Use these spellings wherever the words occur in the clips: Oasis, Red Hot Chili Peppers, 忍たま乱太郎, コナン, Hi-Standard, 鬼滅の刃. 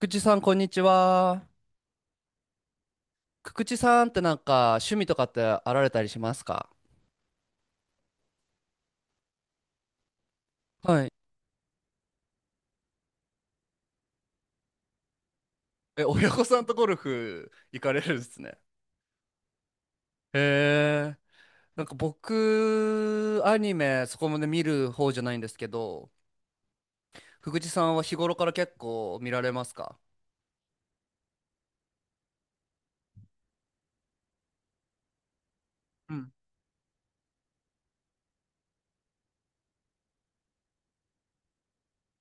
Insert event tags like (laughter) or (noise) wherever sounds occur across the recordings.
くちさん、こんにちは。くちさんってなんか趣味とかってあられたりしますか？はい。え、親御さんとゴルフ行かれるんですね。へえ。なんか僕、アニメそこまで見る方じゃないんですけど、福地さんは日頃から結構見られますか？うん。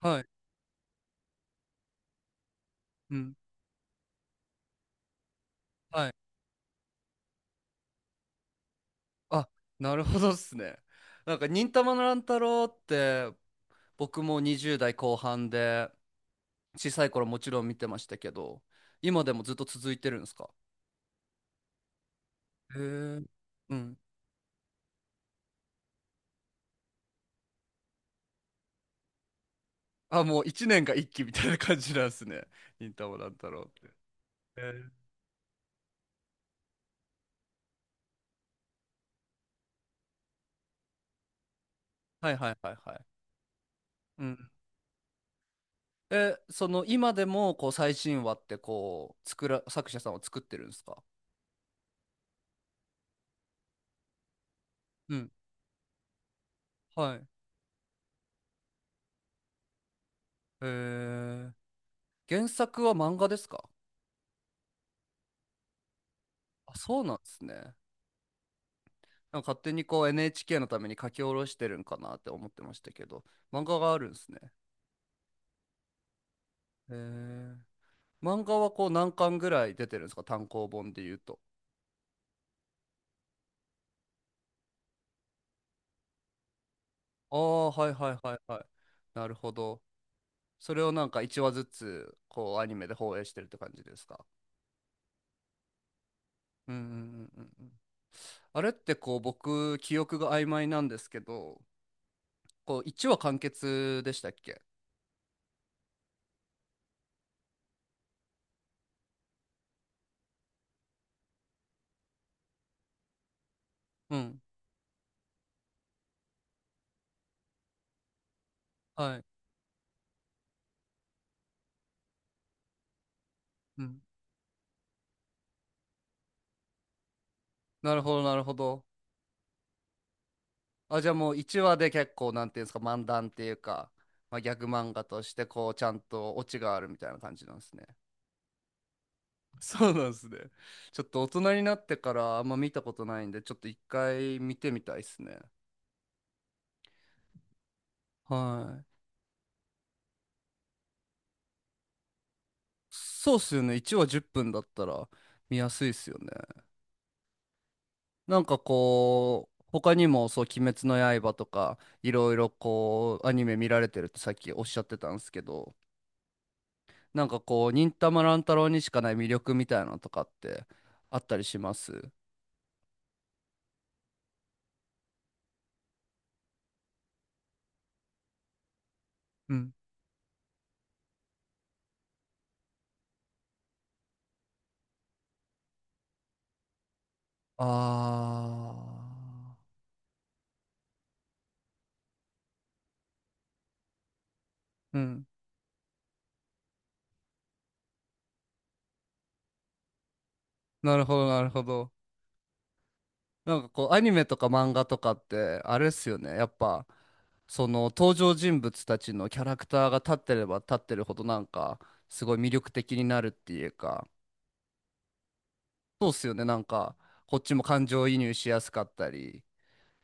はい。うん。はい。あ、なるほどっすね。なんか忍たま乱太郎って僕も20代後半で小さい頃もちろん見てましたけど、今でもずっと続いてるんですか？へえ。うん。あ、もう一年が一期みたいな感じなんですね。(laughs) 忍たま乱太郎って。へえ。はいはいはいはい。うん。え、その今でもこう最新話ってこう作者さんは作ってるんですか？うん。はい。へえ。原作は漫画ですか？あ、そうなんですね。なんか勝手にこう NHK のために書き下ろしてるんかなって思ってましたけど、漫画があるんですね。へえ。漫画はこう何巻ぐらい出てるんですか？単行本で言うと。ああ、はいはいはいはい。なるほど。それをなんか1話ずつこうアニメで放映してるって感じですか？うんうんうんうんうん。あれってこう僕記憶が曖昧なんですけど、こう1話完結でしたっけ？うん。はい。うん。なるほどなるほど。あ、じゃあもう1話で結構なんていうんですか？漫談っていうか、まあ、ギャグ漫画としてこうちゃんとオチがあるみたいな感じなんですね。(laughs) そうなんですね。ちょっと大人になってからあんま見たことないんで、ちょっと一回見てみたいですね。はい。そうっすよね。1話10分だったら見やすいっすよね。なんかこう、他にもそう、鬼滅の刃とか、いろいろこう、アニメ見られてるってさっきおっしゃってたんですけど、なんかこう、忍たま乱太郎にしかない魅力みたいなのとかってあったりします？うん。あー。うん。なるほど、なるほど。なんかこう、アニメとか漫画とかって、あれっすよね。やっぱ、その登場人物たちのキャラクターが立ってれば立ってるほど、なんか、すごい魅力的になるっていうか、そうっすよね。なんか、こっちも感情移入しやすかったり、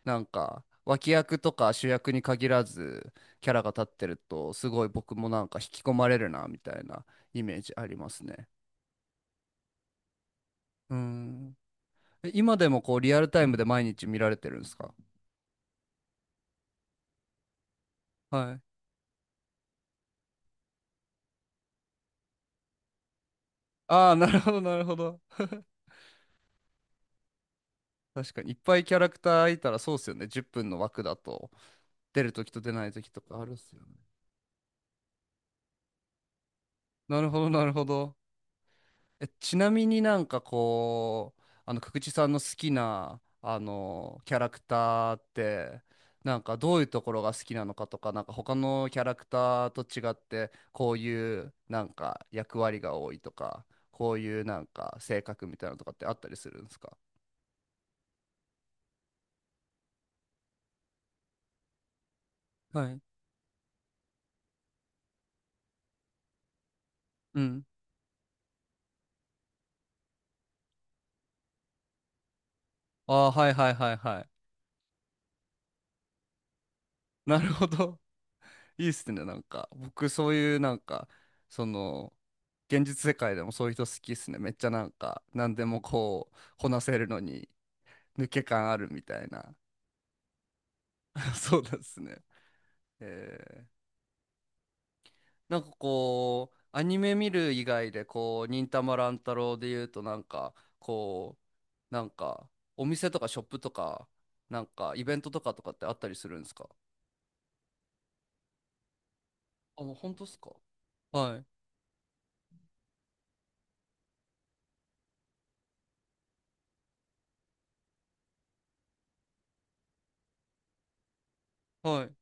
なんか、脇役とか主役に限らず、キャラが立ってると、すごい僕もなんか引き込まれるな、みたいなイメージありますね。うん。え、今でもこう、リアルタイムで毎日見られてるんですか？はい。ああ、なるほど、なるほど。(laughs) 確かにいっぱいキャラクターいたらそうっすよね。10分の枠だと出るときと出ないときとかあるっすよね。なるほど、なるほど。え、ちなみになんかこう、久地さんの好きな、キャラクターって、なんかどういうところが好きなのかとか、なんか他のキャラクターと違って、こういうなんか役割が多いとか、こういうなんか性格みたいなのとかってあったりするんですか？はい。うん。ああ、はいはいはいはい。なるほど。いいっすね、なんか。僕、そういう、なんか、その、現実世界でもそういう人好きっすね。めっちゃなんか、何でもこう、こなせるのに、抜け感あるみたいな。(laughs) そうなんですね。えー、なんかこう、アニメ見る以外で、こう、忍たま乱太郎で言うと、なんか、こう、なんか、お店とかショップとか、なんか、イベントとかとかってあったりするんですか？あ、もう本当っすか？はい。はい。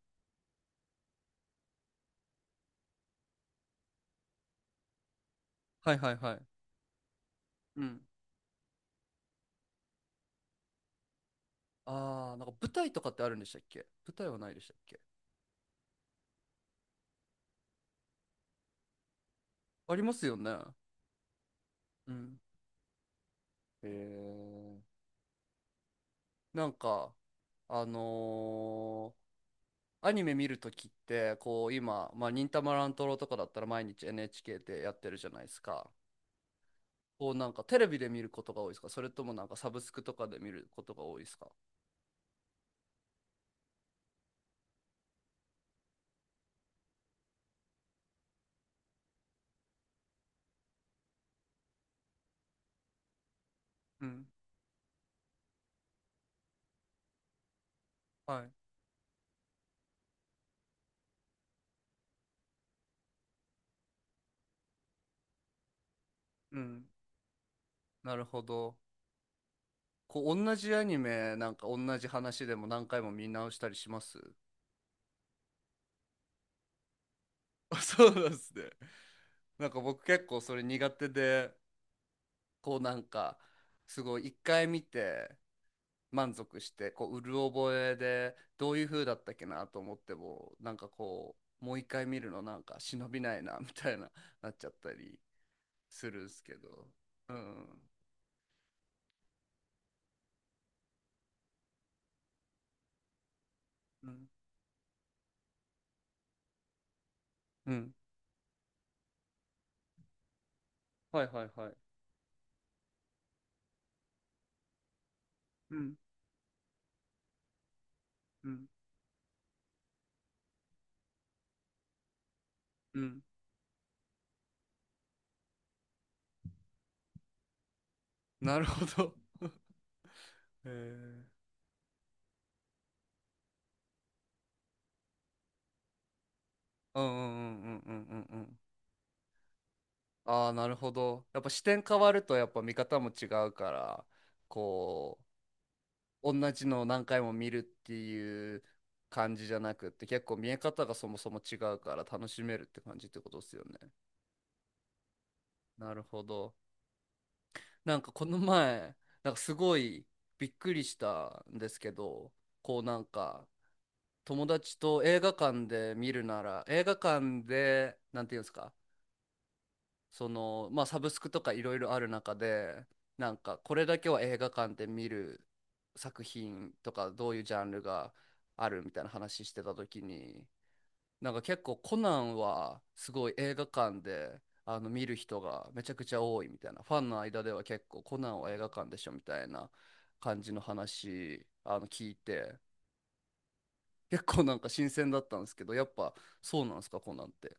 はいはいはい。うん。ああ、なんか舞台とかってあるんでしたっけ？舞台はないでしたっけ？ありますよね。うん。へえ。なんか、あのーアニメ見るときって、こう今、まあ、忍たま乱太郎とかだったら毎日 NHK でやってるじゃないですか。こうなんかテレビで見ることが多いですか？それともなんかサブスクとかで見ることが多いですか？うん。はい。うん。なるほど。こう同じアニメ、なんか同じ話でも何回も見直したりします？あ、(laughs) そうなんですね。なんか僕結構それ苦手で、こうなんかすごい一回見て満足して、こううる覚えでどういう風だったっけなと思っても、なんかこうもう一回見るのなんか忍びないな (laughs) みたいな、なっちゃったりするんすけど。うんうんうん。はいはいはい。うんうんうん。なるほど。へえ。うんうんうんうんうんうんうん。ああー、なるほど。やっぱ視点変わるとやっぱ見方も違うから、こ同じのを何回も見るっていう感じじゃなくって、結構見え方がそもそも違うから楽しめるって感じってことですよね。なるほど。なんかこの前なんかすごいびっくりしたんですけど、こうなんか友達と映画館で見るなら映画館でなんていうんですか、その、まあ、サブスクとかいろいろある中で、なんかこれだけは映画館で見る作品とかどういうジャンルがあるみたいな話してた時に、なんか結構コナンはすごい映画館で見る人がめちゃくちゃ多いみたいな、ファンの間では結構コナンは映画館でしょみたいな感じの話聞いて、結構なんか新鮮だったんですけど、やっぱそうなんですか、コナンって。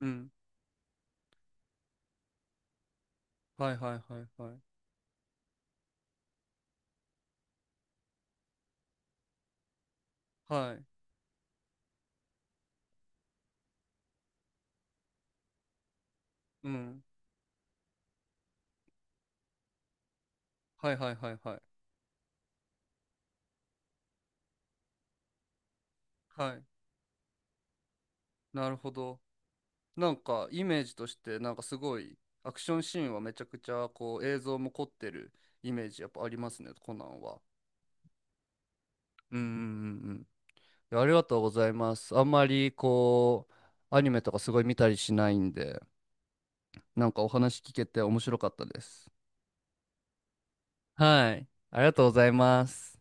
うん。はいはいはいはい。はい。うん。はいはいはいはい。はい。なるほど。なんかイメージとしてなんかすごいアクションシーンはめちゃくちゃこう映像も凝ってるイメージやっぱありますね、コナンは。うんうんうんうん。いや、ありがとうございます。あんまりこうアニメとかすごい見たりしないんで、なんかお話聞けて面白かったです。はい。ありがとうございます。